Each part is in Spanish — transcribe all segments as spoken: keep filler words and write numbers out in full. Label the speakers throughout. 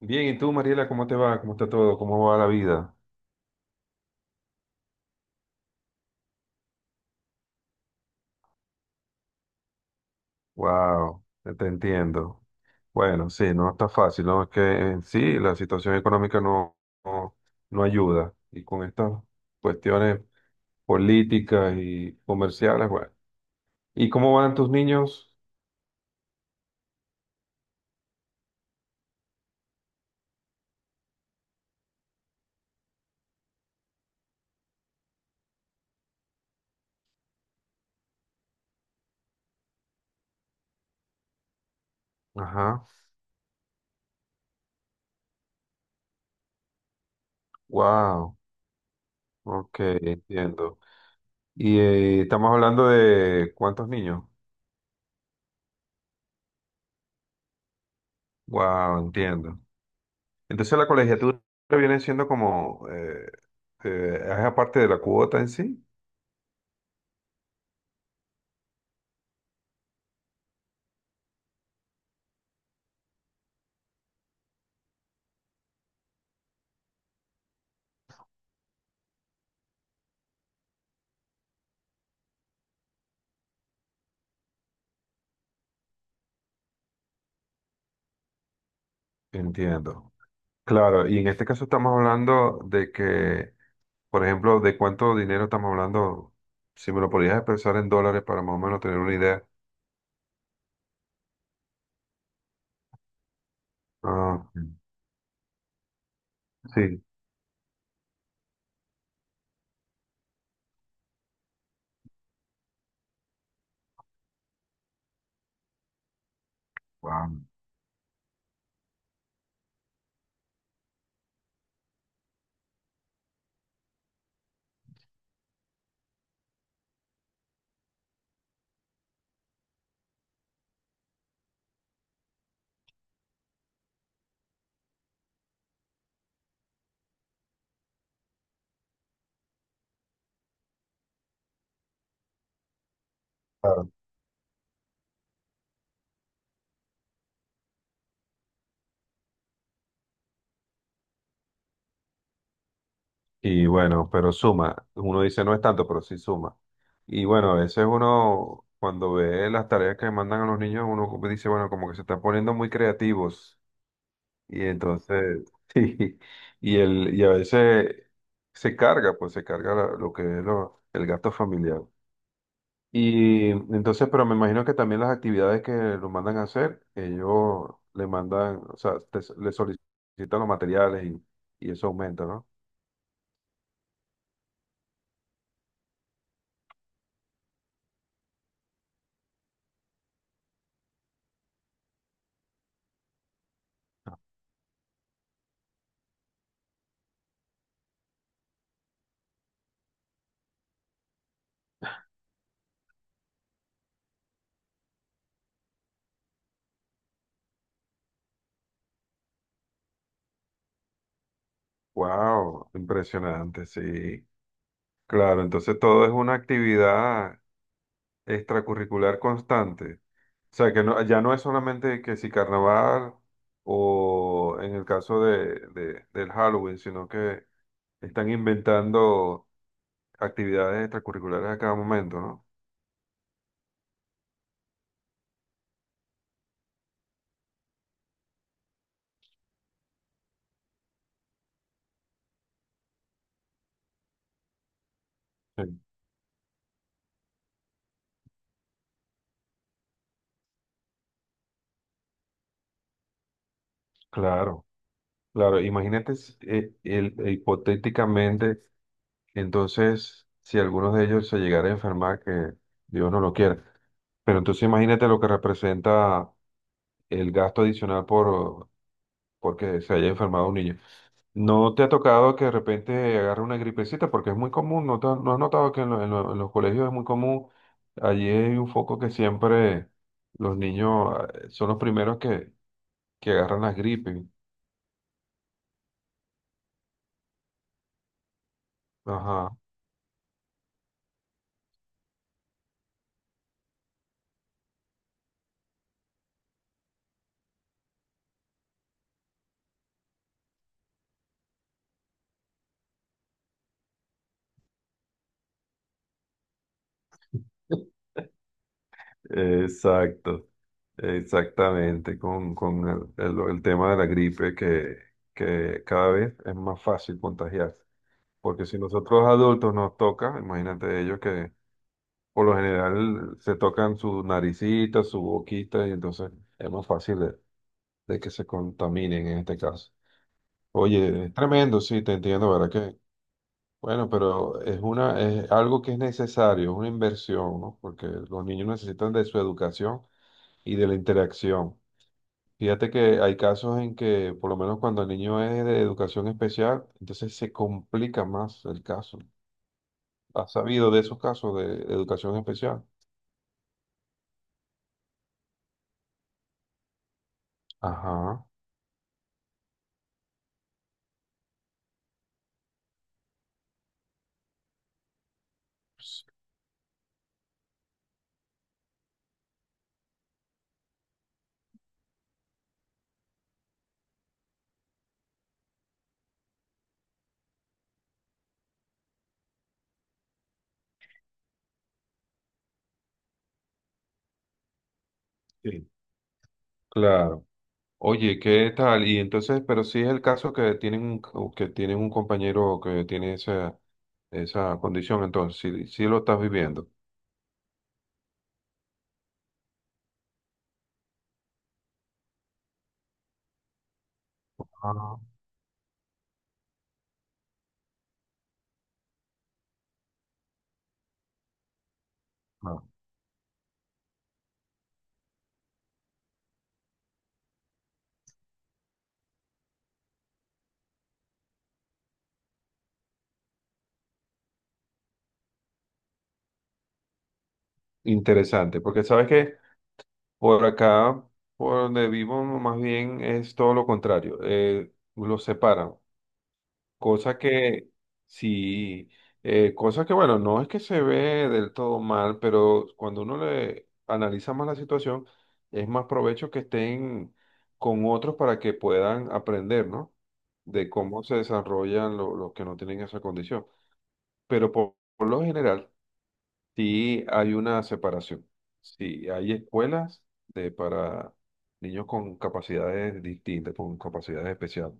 Speaker 1: Bien, ¿y tú, Mariela, cómo te va? ¿Cómo está todo? ¿Cómo va la vida? Wow, te entiendo. Bueno, sí, no está fácil, ¿no? Es que en sí la situación económica no, no, no ayuda. Y con estas cuestiones políticas y comerciales, bueno. ¿Y cómo van tus niños? Ajá, wow, ok, entiendo. Y eh, estamos hablando de cuántos niños. Wow, entiendo. Entonces la colegiatura viene siendo como, eh, eh, es aparte de la cuota en sí. Entiendo. Claro, y en este caso estamos hablando de que, por ejemplo, de cuánto dinero estamos hablando, si me lo podrías expresar en dólares para más o menos tener una idea. Ah, sí. Wow. Claro. Y bueno, pero suma, uno dice no es tanto, pero sí suma. Y bueno, a veces uno, cuando ve las tareas que mandan a los niños, uno como dice, bueno, como que se están poniendo muy creativos. Y entonces, sí, y, el, y a veces se carga, pues se carga la- lo que es lo- el gasto familiar. Y entonces, pero me imagino que también las actividades que lo mandan a hacer, ellos le mandan, o sea, te- le solicitan los materiales y, y eso aumenta, ¿no? ¡Wow! Impresionante, sí. Claro, entonces todo es una actividad extracurricular constante. O sea, que no, ya no es solamente que si carnaval o en el caso de, de- del Halloween, sino que están inventando actividades extracurriculares a cada momento, ¿no? Sí. Claro, claro. Imagínate s- eh, el- eh, hipotéticamente, entonces, si alguno de ellos se llegara a enfermar, que Dios no lo quiera. Pero entonces imagínate lo que representa el gasto adicional por porque se haya enfermado un niño. ¿No te ha tocado que de repente agarre una gripecita? Porque es muy común, ¿no, te- no has notado que en, lo- en lo- en los colegios es muy común? Allí hay un foco que siempre los niños ah, eh, son los primeros que, que agarran las gripes. Ajá. Exacto, exactamente, con, con el, el- el tema de la gripe que, que cada vez es más fácil contagiarse. Porque si nosotros adultos nos toca, imagínate ellos. Por lo general se tocan su naricita, su boquita, y entonces es más fácil de, de que se contaminen en este caso. Oye, es tremendo, sí, te entiendo, ¿verdad que? Bueno, pero es una, es algo que es necesario, es una inversión, ¿no? Porque los niños necesitan de su educación y de la interacción. Fíjate que hay casos en que, por lo menos cuando el niño es de educación especial, entonces se complica más el caso. ¿Has sabido de esos casos de educación especial? Ajá. Sí, claro. Oye, ¿qué tal? Y entonces, pero sí es el caso que tienen un, o que tienen un compañero que tiene esa, esa condición, entonces, sí, sí lo estás viviendo. Ah. Ah. Interesante, porque sabes que por acá, por donde vivo, más bien es todo lo contrario. Eh, los separan. Cosa que, sí, eh, cosa que, bueno, no es que se ve del todo mal, pero cuando uno le analiza más la situación, es más provecho que estén con otros para que puedan aprender, ¿no? De cómo se desarrollan lo- los que no tienen esa condición. Pero por, por lo general, sí hay una separación. Sí, hay escuelas de, para niños con capacidades distintas, con capacidades especiales.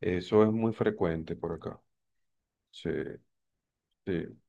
Speaker 1: Eso es muy frecuente por acá. Sí. Sí,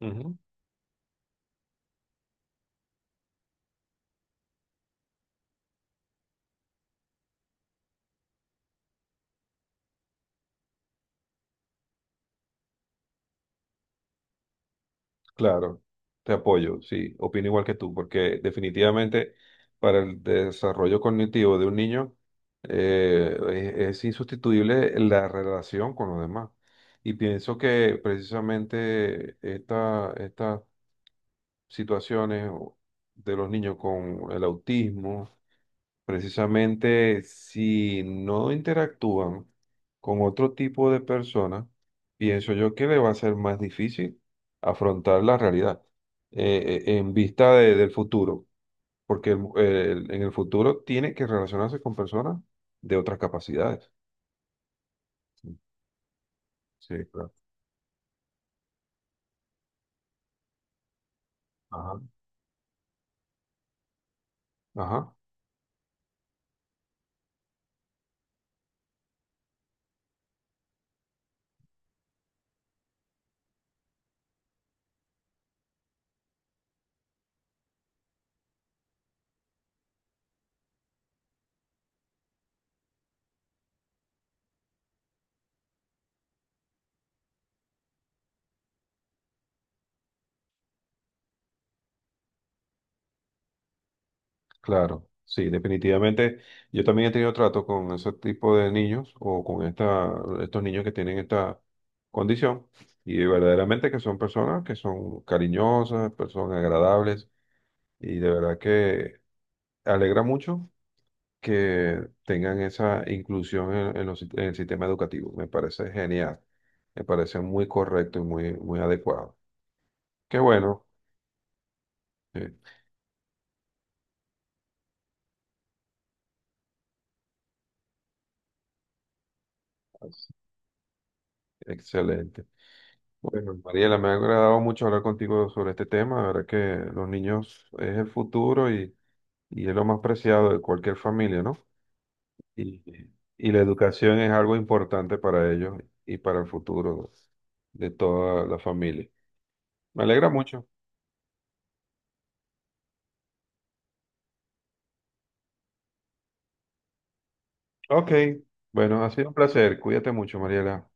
Speaker 1: ujú. Claro, te apoyo, sí, opino igual que tú, porque definitivamente para el desarrollo cognitivo de un niño eh, es, es insustituible la relación con los demás. Y pienso que precisamente esta, esta situaciones de los niños con el autismo. Precisamente si no interactúan con otro tipo de personas, pienso yo que le va a ser más difícil afrontar la realidad eh, eh, en vista de- del futuro, porque el- el- en el futuro tiene que relacionarse con personas de otras capacidades. Sí, claro. Ajá. Ajá. Claro, sí, definitivamente. Yo también he tenido trato con ese tipo de niños o con esta, estos niños que tienen esta condición y verdaderamente que son personas que son cariñosas, personas agradables y de verdad que alegra mucho que tengan esa inclusión en, en los- sit- en el sistema educativo. Me parece genial, me parece muy correcto y muy, muy adecuado. Qué bueno. Sí. Excelente. Bueno, Mariela, me ha agradado mucho hablar contigo sobre este tema. La verdad que los niños es el futuro y, y es lo más preciado de cualquier familia, ¿no? Y, y la educación es algo importante para ellos y para el futuro de toda la familia. Me alegra mucho. Ok. Bueno, ha sido un placer. Cuídate mucho, Mariela.